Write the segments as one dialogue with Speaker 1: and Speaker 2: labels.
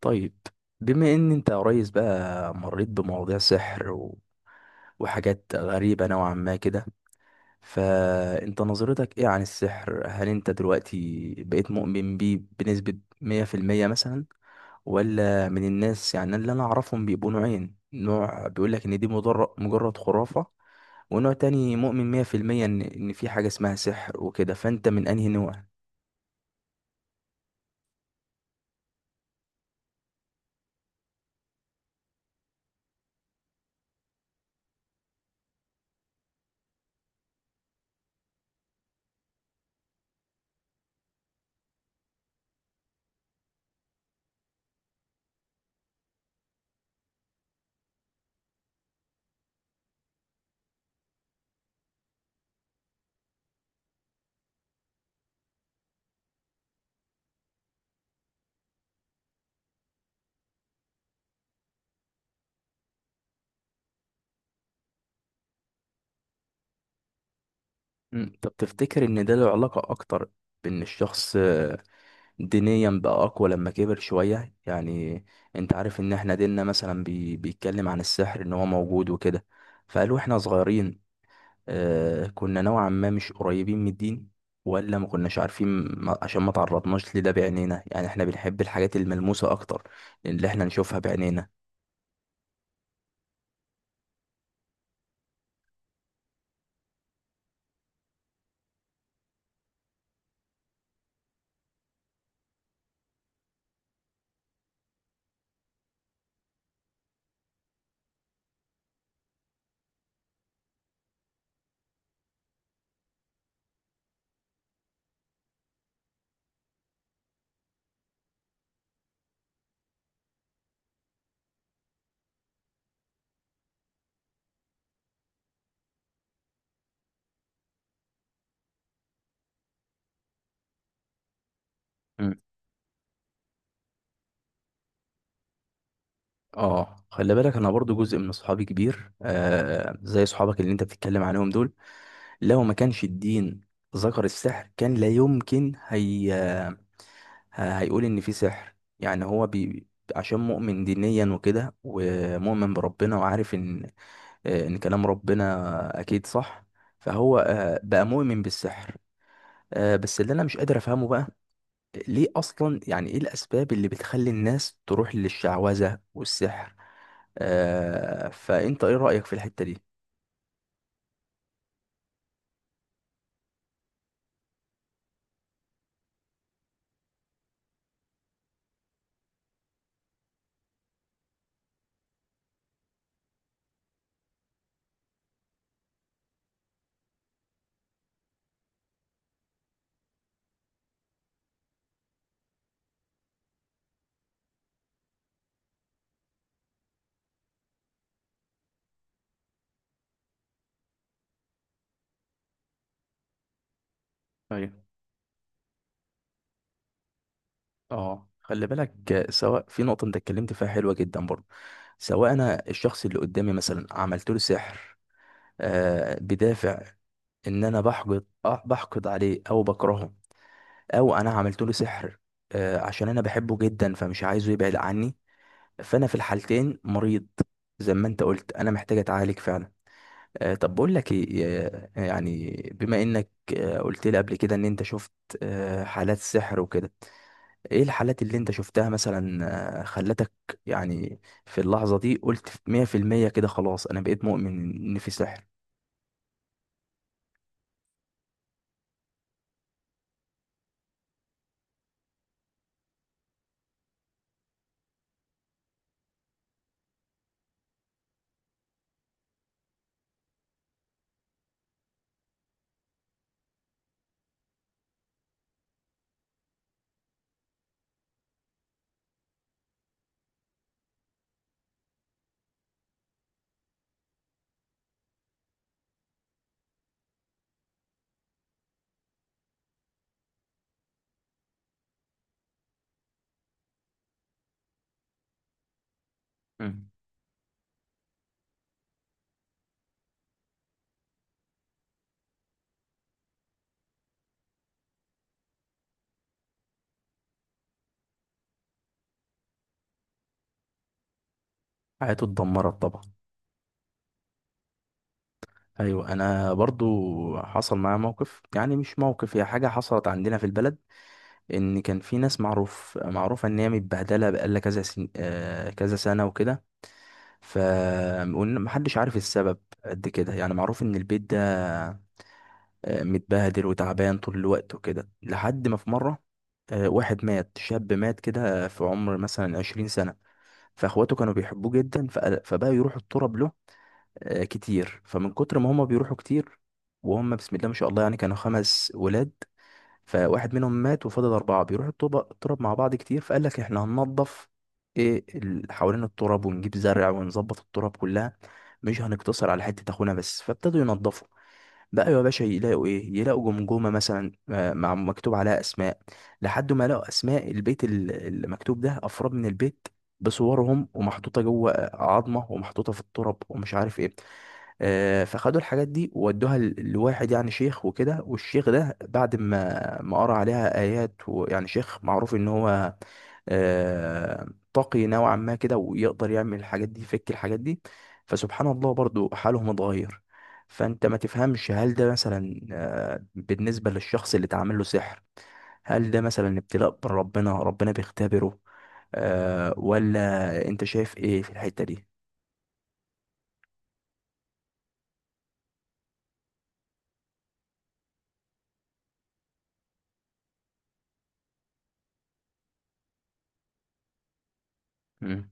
Speaker 1: طيب، بما ان انت يا ريس بقى مريت بمواضيع سحر وحاجات غريبة نوعا ما كده. فانت نظرتك ايه عن السحر؟ هل انت دلوقتي بقيت مؤمن بيه بنسبة 100% مثلا، ولا من الناس، يعني؟ اللي انا اعرفهم بيبقوا نوعين: نوع بيقولك ان دي مجرد خرافة، ونوع تاني مؤمن 100% ان في حاجة اسمها سحر وكده. فانت من انهي نوع؟ مم. طب تفتكر ان ده له علاقة اكتر بان الشخص دينيا بقى أقوى لما كبر شوية يعني؟ أنت عارف إن إحنا ديننا مثلا بيتكلم عن السحر إن هو موجود وكده. فقالوا إحنا صغيرين، آه، كنا نوعا ما مش قريبين من الدين ولا ما كناش عارفين. ما... عشان ما تعرضناش لده بعينينا، يعني إحنا بنحب الحاجات الملموسة أكتر، اللي إحنا نشوفها بعينينا. مم. اه، خلي بالك انا برضو جزء من صحابي كبير، آه، زي صحابك اللي انت بتتكلم عليهم دول، لو ما كانش الدين ذكر السحر كان لا يمكن هيقول ان في سحر. يعني هو عشان مؤمن دينيا وكده ومؤمن بربنا وعارف ان، ان كلام ربنا اكيد صح. فهو بقى مؤمن بالسحر. بس اللي انا مش قادر افهمه بقى ليه اصلا، يعني ايه الاسباب اللي بتخلي الناس تروح للشعوذة والسحر؟ فانت ايه رأيك في الحتة دي؟ ايوه. اه، خلي بالك سواء في نقطة انت اتكلمت فيها حلوة جدا برضه، سواء انا الشخص اللي قدامي مثلا عملت له سحر بدافع ان انا بحقد، بحقد عليه او بكرهه، او انا عملت له سحر عشان انا بحبه جدا فمش عايزه يبعد عني. فانا في الحالتين مريض، زي ما انت قلت انا محتاج اتعالج فعلا. طب بقول لك ايه، يعني بما انك قلت لي قبل كده ان انت شفت حالات سحر وكده، ايه الحالات اللي انت شفتها مثلا خلتك يعني في اللحظة دي قلت 100% كده خلاص انا بقيت مؤمن ان في سحر؟ مم. حياته اتدمرت طبعا. ايوه انا برضو حصل معايا موقف، يعني مش موقف، هي حاجه حصلت عندنا في البلد. ان كان في ناس معروف، معروفه ان هي متبهدله بقالها كذا سن... آه كذا سنه وكده. ف وإن محدش عارف السبب قد كده. يعني معروف ان البيت ده متبهدل وتعبان طول الوقت وكده، لحد ما في مره واحد مات، شاب مات كده في عمر مثلا 20 سنه. فاخواته كانوا بيحبوه جدا، فبقى يروحوا التراب له كتير. فمن كتر ما هما بيروحوا كتير، وهم بسم الله ما شاء الله يعني كانوا 5 ولاد، فواحد منهم مات وفضل أربعة بيروحوا الطوبة التراب مع بعض كتير. فقال لك احنا هننظف ايه، حوالين التراب ونجيب زرع ونظبط التراب كلها، مش هنقتصر على حتة اخونا بس. فابتدوا ينظفوا. بقى يا باشا يلاقوا ايه؟ يلاقوا جمجمة مثلا مع مكتوب عليها اسماء. لحد ما لقوا اسماء البيت، المكتوب ده افراد من البيت بصورهم، ومحطوطة جوه عظمة ومحطوطة في التراب ومش عارف ايه. فخدوا الحاجات دي وودوها لواحد، يعني شيخ وكده. والشيخ ده بعد ما قرأ عليها آيات، ويعني شيخ معروف إن هو آه، تقي نوعا ما كده، ويقدر يعمل الحاجات دي، يفك الحاجات دي. فسبحان الله برضو حالهم اتغير. فأنت ما تفهمش، هل ده مثلا بالنسبة للشخص اللي اتعمل له سحر، هل ده مثلا ابتلاء من ربنا، ربنا بيختبره، ولا أنت شايف إيه في الحتة دي؟ مم.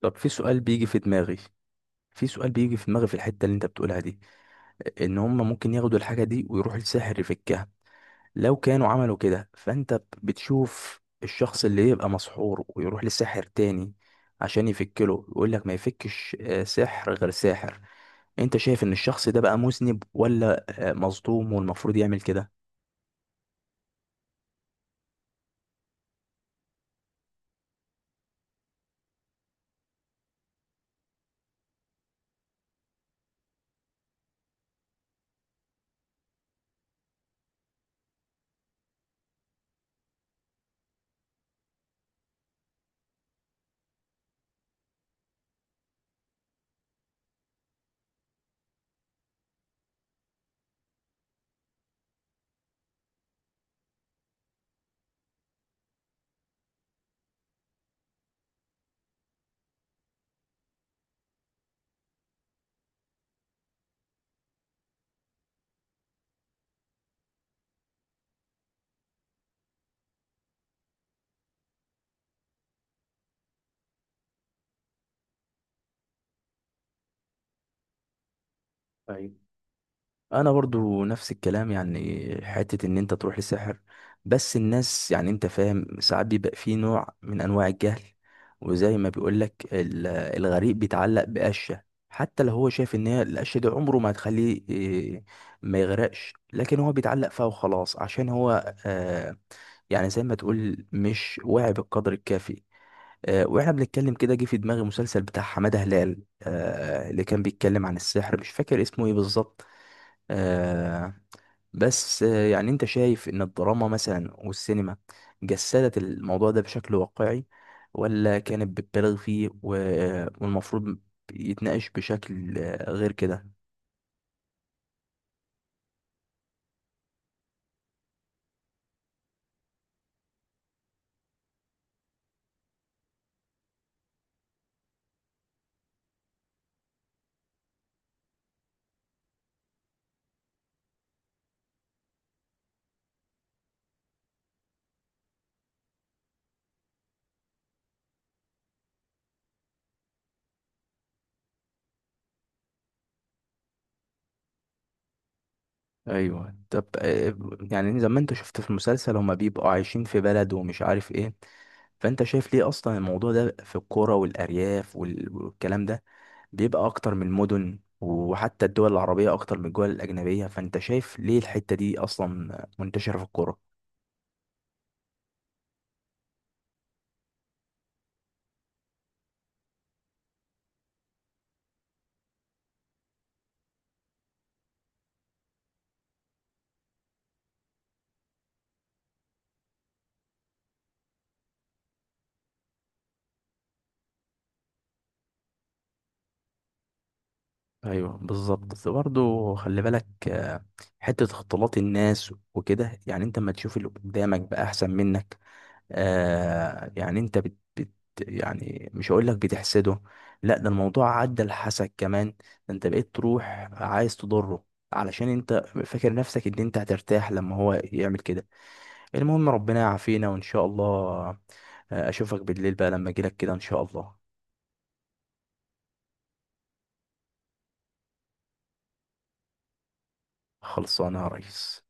Speaker 1: طب في سؤال بيجي في دماغي، في الحتة اللي انت بتقولها دي، ان هم ممكن ياخدوا الحاجة دي ويروحوا لساحر يفكها. لو كانوا عملوا كده فانت بتشوف الشخص اللي يبقى مسحور ويروح لساحر تاني عشان يفكله، يقول لك ما يفكش سحر غير ساحر، انت شايف ان الشخص ده بقى مذنب، ولا مظلوم والمفروض يعمل كده؟ أيوة. انا برضو نفس الكلام، يعني حتة ان انت تروح لساحر. بس الناس يعني انت فاهم، ساعات بيبقى فيه نوع من انواع الجهل، وزي ما بيقولك الغريب بيتعلق بقشة. حتى لو هو شايف ان هي القشة دي عمره ما هتخليه إيه، ما يغرقش، لكن هو بيتعلق فيها وخلاص. عشان هو يعني زي ما تقول مش واعي بالقدر الكافي. واحنا بنتكلم كده جه في دماغي مسلسل بتاع حمادة هلال اللي كان بيتكلم عن السحر، مش فاكر اسمه ايه بالظبط. آه بس يعني انت شايف ان الدراما مثلا والسينما جسدت الموضوع ده بشكل واقعي، ولا كانت بتبالغ فيه والمفروض يتناقش بشكل غير كده؟ ايوه. طب يعني زي ما انت شفت في المسلسل هما بيبقوا عايشين في بلد ومش عارف ايه، فانت شايف ليه اصلا الموضوع ده في الكوره والارياف والكلام ده بيبقى اكتر من المدن، وحتى الدول العربيه اكتر من الدول الاجنبيه؟ فانت شايف ليه الحته دي اصلا منتشره في الكوره؟ ايوه بالظبط. بس برضه خلي بالك حته اختلاط الناس وكده، يعني انت لما تشوف اللي قدامك بقى احسن منك يعني انت بت يعني مش هقول لك بتحسده، لا، ده الموضوع عدى الحسد كمان، ده انت بقيت تروح عايز تضره علشان انت فاكر نفسك ان انت هترتاح لما هو يعمل كده. المهم ربنا يعافينا، وان شاء الله اشوفك بالليل بقى لما اجيلك كده ان شاء الله. خلصانه يا ريس.